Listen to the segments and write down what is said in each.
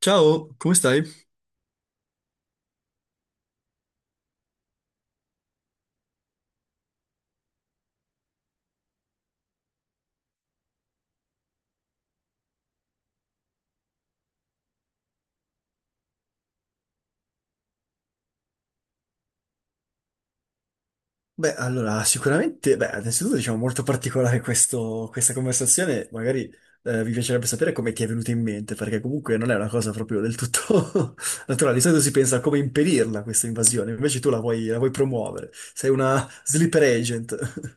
Ciao, come stai? Beh, allora, sicuramente, beh, innanzitutto diciamo molto particolare questa conversazione, magari mi piacerebbe sapere come ti è venuta in mente, perché comunque non è una cosa proprio del tutto naturale, di solito si pensa a come impedirla questa invasione, invece tu la vuoi promuovere, sei una sleeper agent.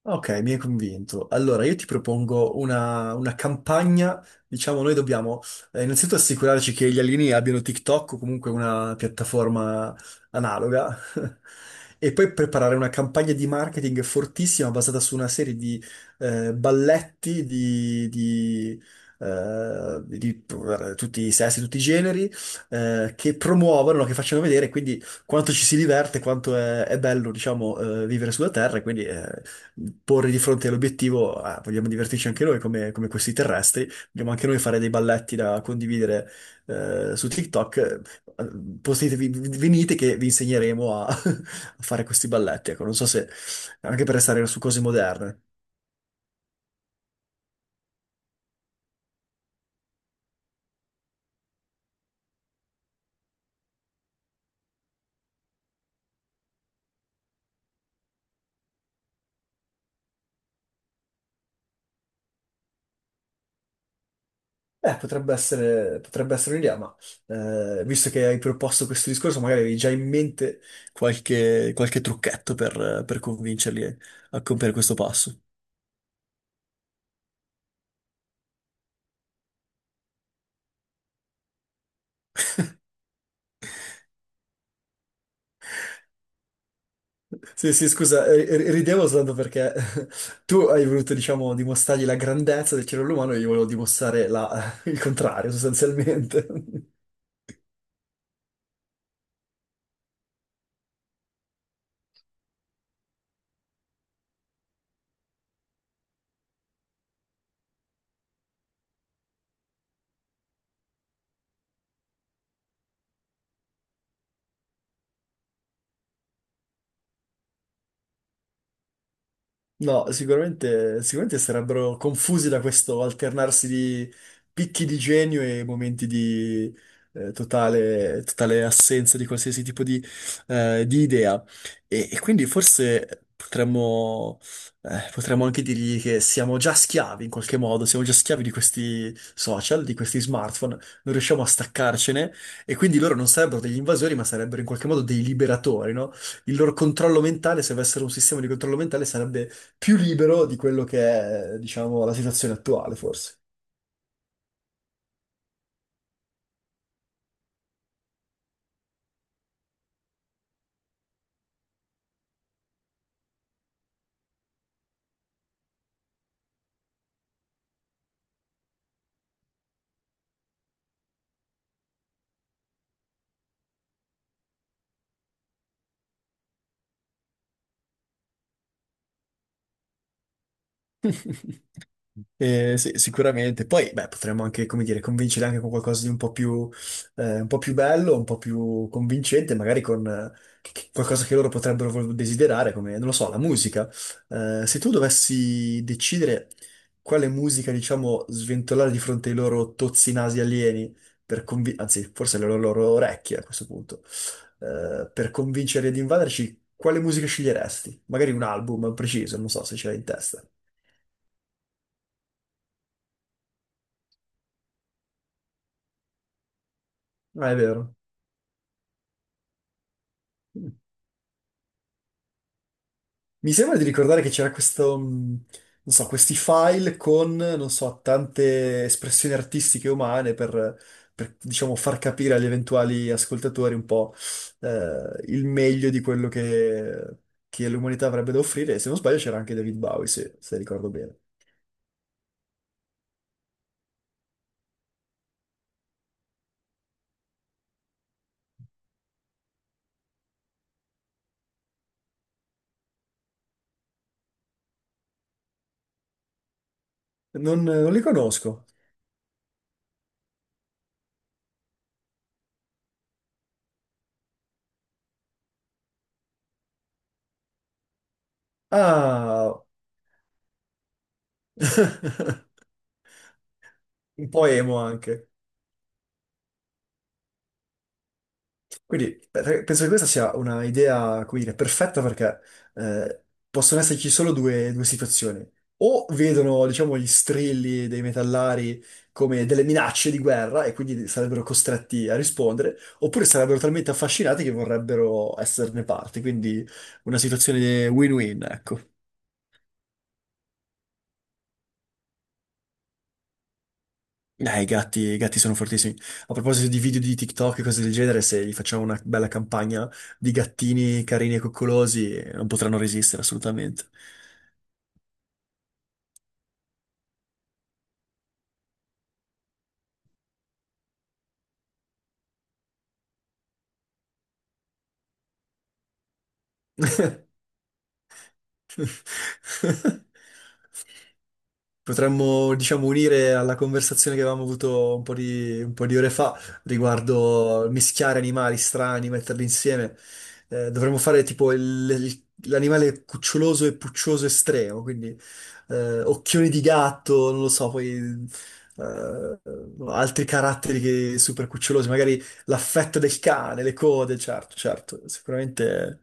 Ok, mi hai convinto. Allora, io ti propongo una campagna. Diciamo, noi dobbiamo innanzitutto assicurarci che gli alieni abbiano TikTok o comunque una piattaforma analoga. E poi preparare una campagna di marketing fortissima basata su una serie di balletti di tutti i sessi, tutti i generi, che promuovono, che facciano vedere quindi quanto ci si diverte, quanto è bello, diciamo, vivere sulla Terra. E quindi, porre di fronte all'obiettivo, ah, vogliamo divertirci anche noi come, questi terrestri, vogliamo anche noi fare dei balletti da condividere su TikTok, postetevi, venite che vi insegneremo a, a fare questi balletti, ecco, non so se anche per restare su cose moderne. Potrebbe essere un'idea, ma visto che hai proposto questo discorso, magari avevi già in mente qualche trucchetto per convincerli a compiere questo passo. Sì, sì, scusa, ridevo soltanto perché tu hai voluto, diciamo, dimostrargli la grandezza del cervello umano e io volevo dimostrare il contrario, sostanzialmente. No, sicuramente, sicuramente sarebbero confusi da questo alternarsi di picchi di genio e momenti di totale, totale assenza di qualsiasi tipo di idea. E quindi forse potremmo anche dirgli che siamo già schiavi in qualche modo, siamo già schiavi di questi social, di questi smartphone, non riusciamo a staccarcene e quindi loro non sarebbero degli invasori, ma sarebbero in qualche modo dei liberatori, no? Il loro controllo mentale, se avessero un sistema di controllo mentale, sarebbe più libero di quello che è, diciamo, la situazione attuale, forse. Sì, sicuramente. Poi, beh, potremmo anche, come dire, convincere anche con qualcosa di un po' più bello, un po' più convincente, magari con qualcosa che loro potrebbero desiderare, come, non lo so, la musica. Se tu dovessi decidere quale musica, diciamo, sventolare di fronte ai loro tozzi nasi alieni, per anzi, forse le loro orecchie a questo punto, per convincere di invaderci, quale musica sceglieresti? Magari un album preciso, non so se ce l'hai in testa. Ah, è vero. Mi sembra di ricordare che c'era questo, non so, questi file con, non so, tante espressioni artistiche umane per, diciamo, far capire agli eventuali ascoltatori un po', il meglio di quello che l'umanità avrebbe da offrire. E se non sbaglio c'era anche David Bowie, se ricordo bene. Non li conosco. Ah, un po' emo anche. Quindi penso che questa sia una idea, come dire, perfetta perché eh, possono esserci solo due situazioni. O vedono, diciamo, gli strilli dei metallari come delle minacce di guerra e quindi sarebbero costretti a rispondere, oppure sarebbero talmente affascinati che vorrebbero esserne parte. Quindi una situazione win-win, ecco. I gatti sono fortissimi. A proposito di video di TikTok e cose del genere, se gli facciamo una bella campagna di gattini carini e coccolosi, non potranno resistere assolutamente. Potremmo, diciamo, unire alla conversazione che avevamo avuto un po' di ore fa riguardo mischiare animali strani, metterli insieme. Dovremmo fare tipo il- l'animale cuccioloso e puccioso estremo, quindi occhioni di gatto, non lo so, poi eh, altri caratteri che super cucciolosi, magari l'affetto del cane, le code, certo, certo, sicuramente.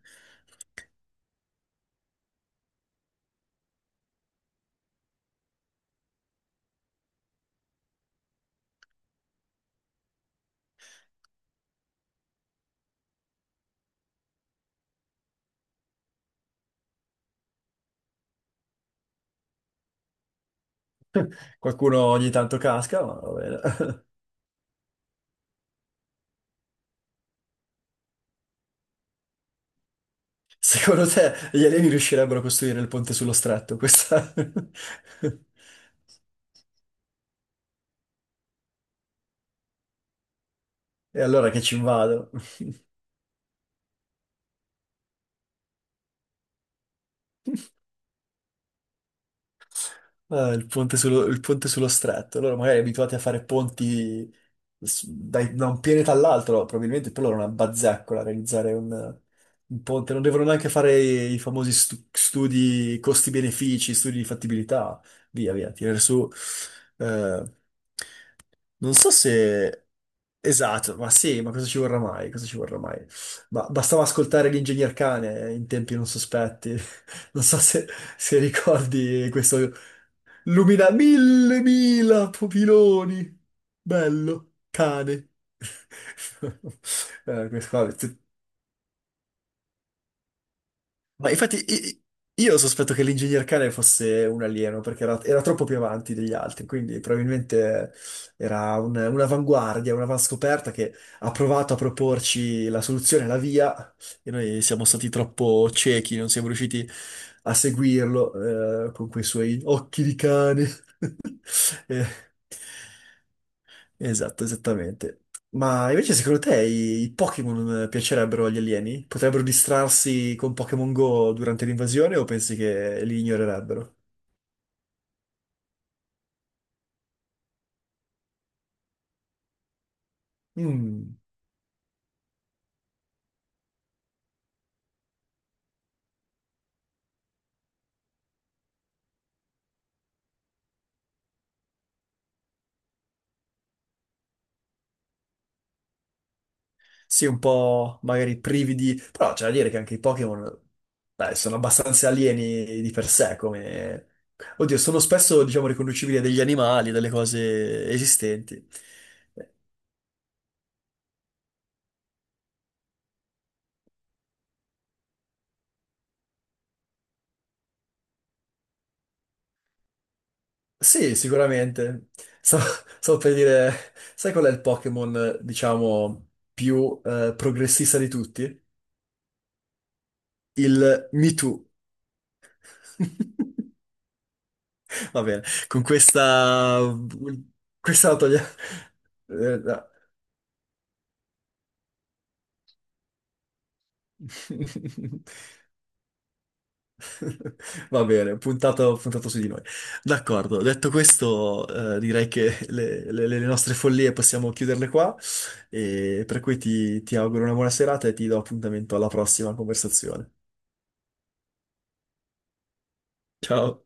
Qualcuno ogni tanto casca, ma va bene. Secondo te gli alieni riuscirebbero a costruire il ponte sullo stretto? Questa... E allora che ci invado? Ah, il ponte sullo stretto. Loro magari abituati a fare ponti da un pianeta all'altro, probabilmente per loro è una bazzeccola realizzare un ponte. Non devono neanche fare i famosi studi costi-benefici, studi di fattibilità, via via, tirare su... eh, Non so se... Esatto, ma sì, ma cosa ci vorrà mai? Cosa ci vorrà mai? Ma bastava ascoltare l'ingegner Cane in tempi non sospetti. Non so se ricordi questo... Lumina mille, mila pupiloni. Bello, cane. Questo qua, ma infatti io sospetto che l'ingegner cane fosse un alieno perché era troppo più avanti degli altri, quindi probabilmente era un'avanguardia, un'avanscoperta che ha provato a proporci la soluzione, la via, e noi siamo stati troppo ciechi, non siamo riusciti a seguirlo con quei suoi occhi di cane. Eh, Esatto, esattamente. Ma invece secondo te i Pokémon piacerebbero agli alieni? Potrebbero distrarsi con Pokémon Go durante l'invasione o pensi che li ignorerebbero? Mm. Sì, un po' magari privi di... Però c'è da dire che anche i Pokémon, beh, sono abbastanza alieni di per sé, come... Oddio, sono spesso, diciamo, riconducibili a degli animali, a delle cose esistenti. Sì, sicuramente. Stavo, stavo per dire, sai qual è il Pokémon, diciamo, più progressista di tutti? Il Me Too. Va bene, con questa... questa la togliamo. No. Va bene, puntato, puntato su di noi. D'accordo, detto questo, direi che le nostre follie possiamo chiuderle qua, e per cui ti auguro una buona serata e ti do appuntamento alla prossima conversazione. Ciao!